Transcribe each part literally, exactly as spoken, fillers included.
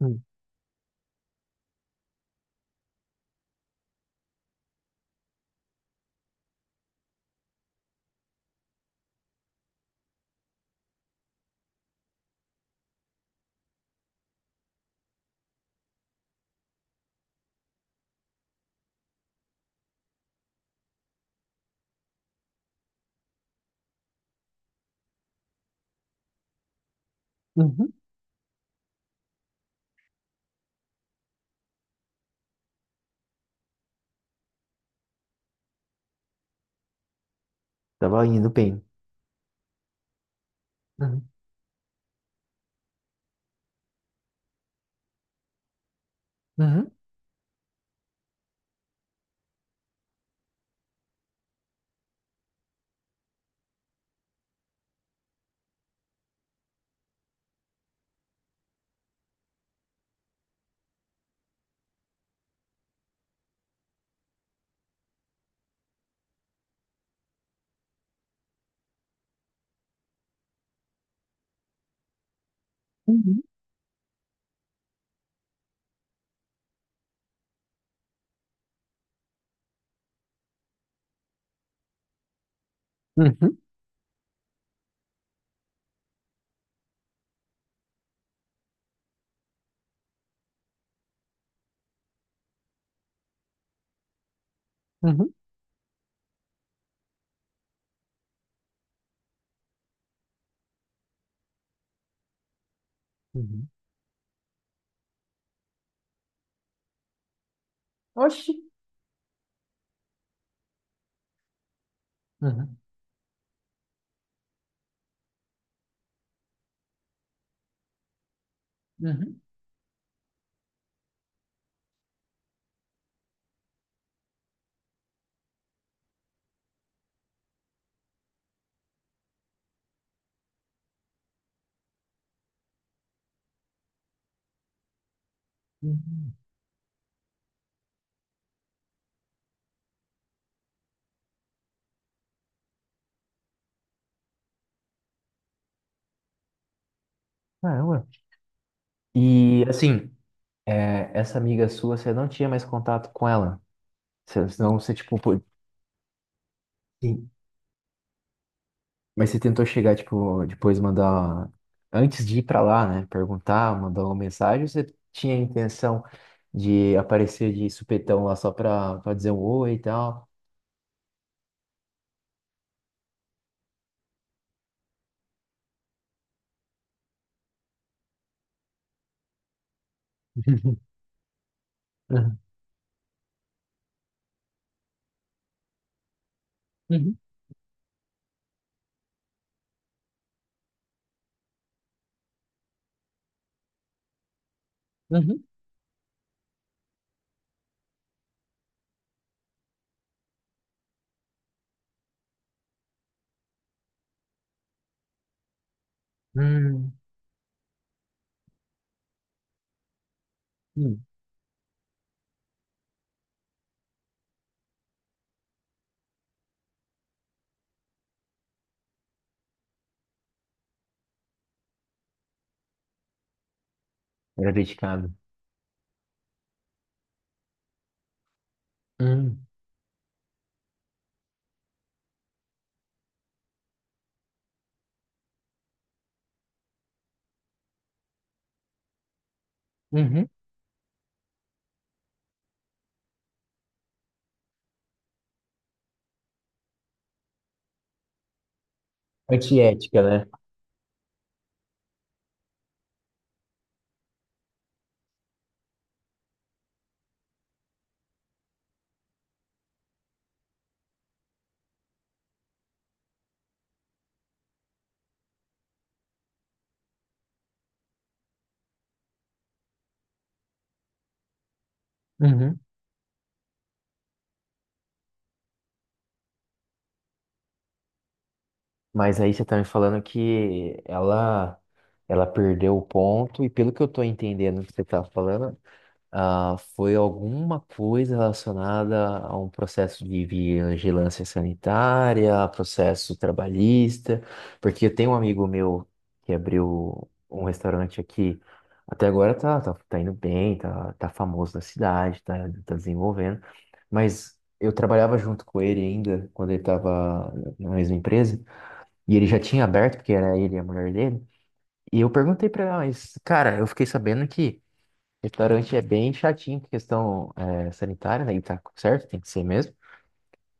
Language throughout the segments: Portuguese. Hum, uhum. Tava indo bem. Uhum, uhum, uhum, uhum, uhum, uhum. Oxi. Uhum, uhum, uhum. Caramba. E assim, é, essa amiga sua, você não tinha mais contato com ela. Você- Senão você, tipo, pô- Sim. Mas você tentou chegar, tipo, depois mandar. Antes de ir pra lá, né? Perguntar, mandar uma mensagem, ou você tinha a intenção de aparecer de supetão lá só pra, pra dizer um oi e tal. Uhum, uhum, uhum, uhum. Hum. Hum. Graviticado. Hum. Uhum. Antiética, né? Uhum. Mas aí você tá me falando que ela, ela perdeu o ponto, e pelo que eu tô entendendo que você tá falando, ah, foi alguma coisa relacionada a um processo de vigilância sanitária, processo trabalhista, porque eu tenho um amigo meu que abriu um restaurante aqui, até agora tá, tá, tá indo bem, tá, tá famoso na cidade, tá, tá desenvolvendo, mas eu trabalhava junto com ele ainda, quando ele estava na mesma empresa, e ele já tinha aberto, porque era ele e a mulher dele, e eu perguntei pra ela, mas, cara, eu fiquei sabendo que restaurante é bem chatinho com questão eh, sanitária, né? E tá certo, tem que ser mesmo.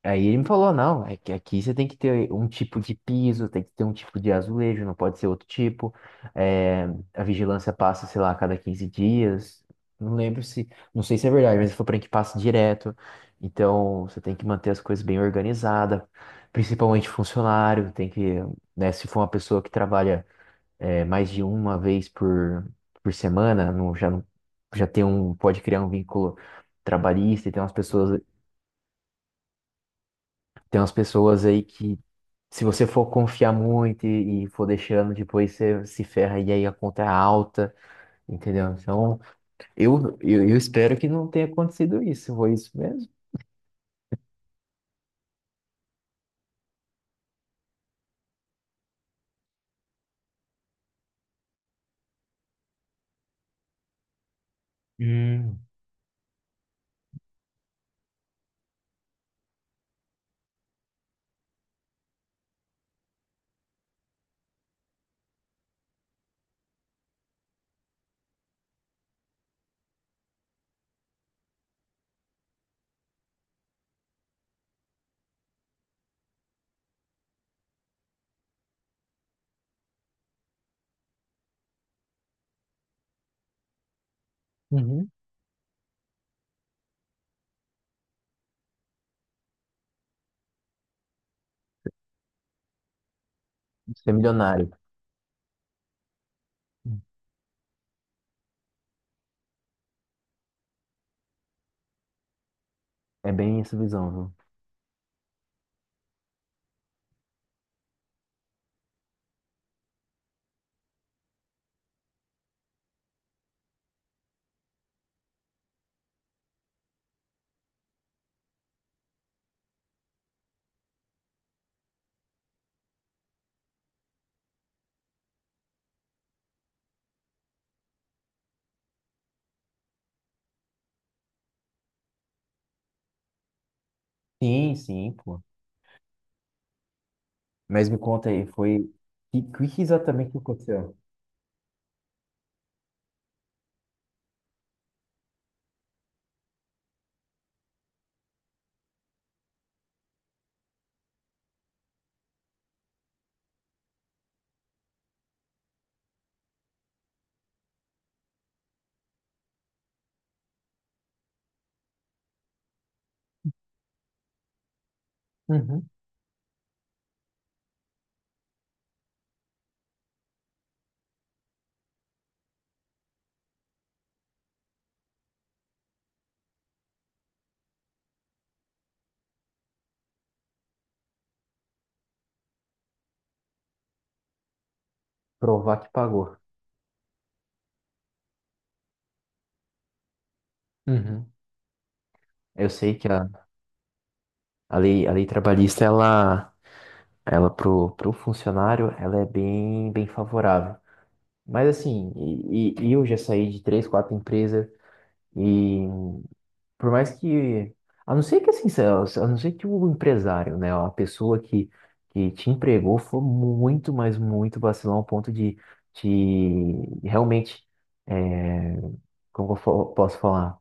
Aí ele me falou, não, é que aqui você tem que ter um tipo de piso, tem que ter um tipo de azulejo, não pode ser outro tipo. Eh, a vigilância passa, sei lá, a cada quinze dias. Não lembro se, não sei se é verdade, mas ele falou pra mim que passa direto. Então, você tem que manter as coisas bem organizadas, principalmente funcionário, tem que, né, se for uma pessoa que trabalha é, mais de uma vez por, por, semana, não, já, não- já tem um, pode criar um vínculo trabalhista e tem umas pessoas, tem umas pessoas aí que se você for confiar muito e, e for deixando, depois você se ferra e aí a conta é alta, entendeu? Então, eu, eu, eu espero que não tenha acontecido isso, foi isso mesmo? Hum, uhum. Ser milionário. É bem essa visão, viu? Sim, sim, pô. Mas me conta aí, foi. O que, que exatamente aconteceu? Uhum. Provar que pagou. Uhum. Eu sei que a, a lei, a lei trabalhista, ela, ela pro, pro funcionário, ela é bem, bem favorável. Mas assim, e, e- e eu já saí de três, quatro empresas e por mais que, a não ser que assim, se- a não ser que o empresário, né, a pessoa que, que te empregou foi muito, mas muito vacilão ao ponto de te realmente, é, como eu fo- posso falar?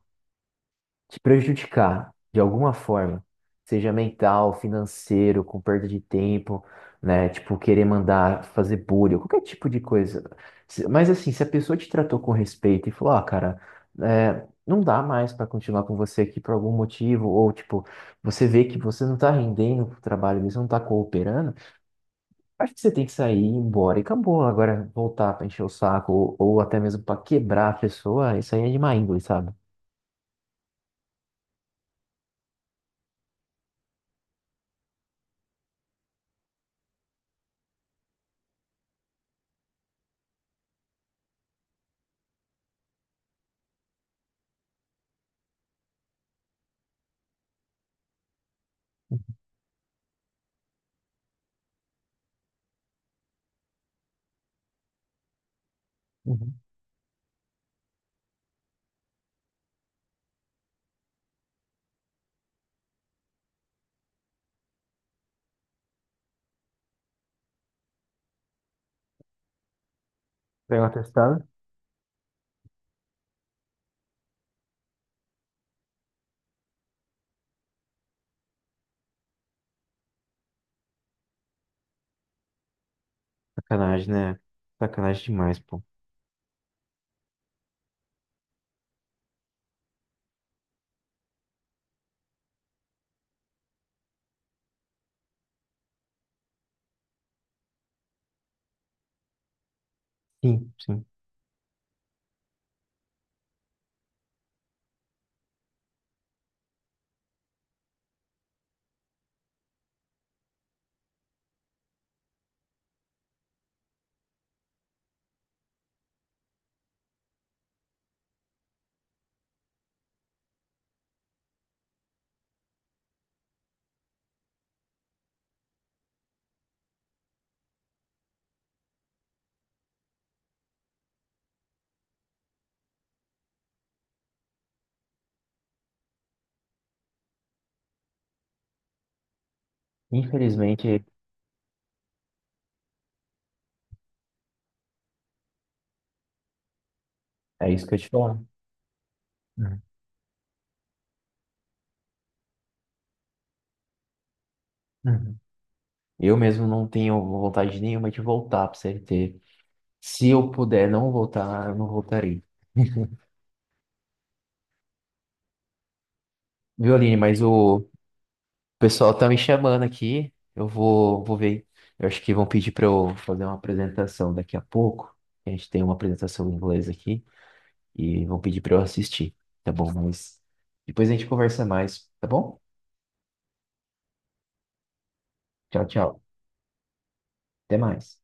Te prejudicar de alguma forma, seja mental, financeiro, com perda de tempo, né? Tipo, querer mandar fazer bullying, qualquer tipo de coisa. Se- Mas assim, se a pessoa te tratou com respeito e falou, ah, cara, é, não dá mais para continuar com você aqui por algum motivo, ou tipo, você vê que você não tá rendendo pro trabalho, você não tá cooperando, acho que você tem que sair, ir embora e acabou. Agora, voltar para encher o saco, ou, ou até mesmo para quebrar a pessoa, isso aí é de má índole, sabe? Uhum. Pega uma testada. Sacanagem, né? Sacanagem demais, pô. Sim, sim. Infelizmente, é isso que eu te falo. Uhum. Uhum. Eu mesmo não tenho vontade nenhuma de voltar pro C L T. Se eu puder não voltar, eu não voltarei. Viu, Aline? Mas o pessoal tá me chamando aqui. Eu vou, vou ver. Eu acho que vão pedir para eu fazer uma apresentação daqui a pouco. A gente tem uma apresentação em inglês aqui e vão pedir para eu assistir, tá bom? Mas depois a gente conversa mais, tá bom? Tchau, tchau. Até mais.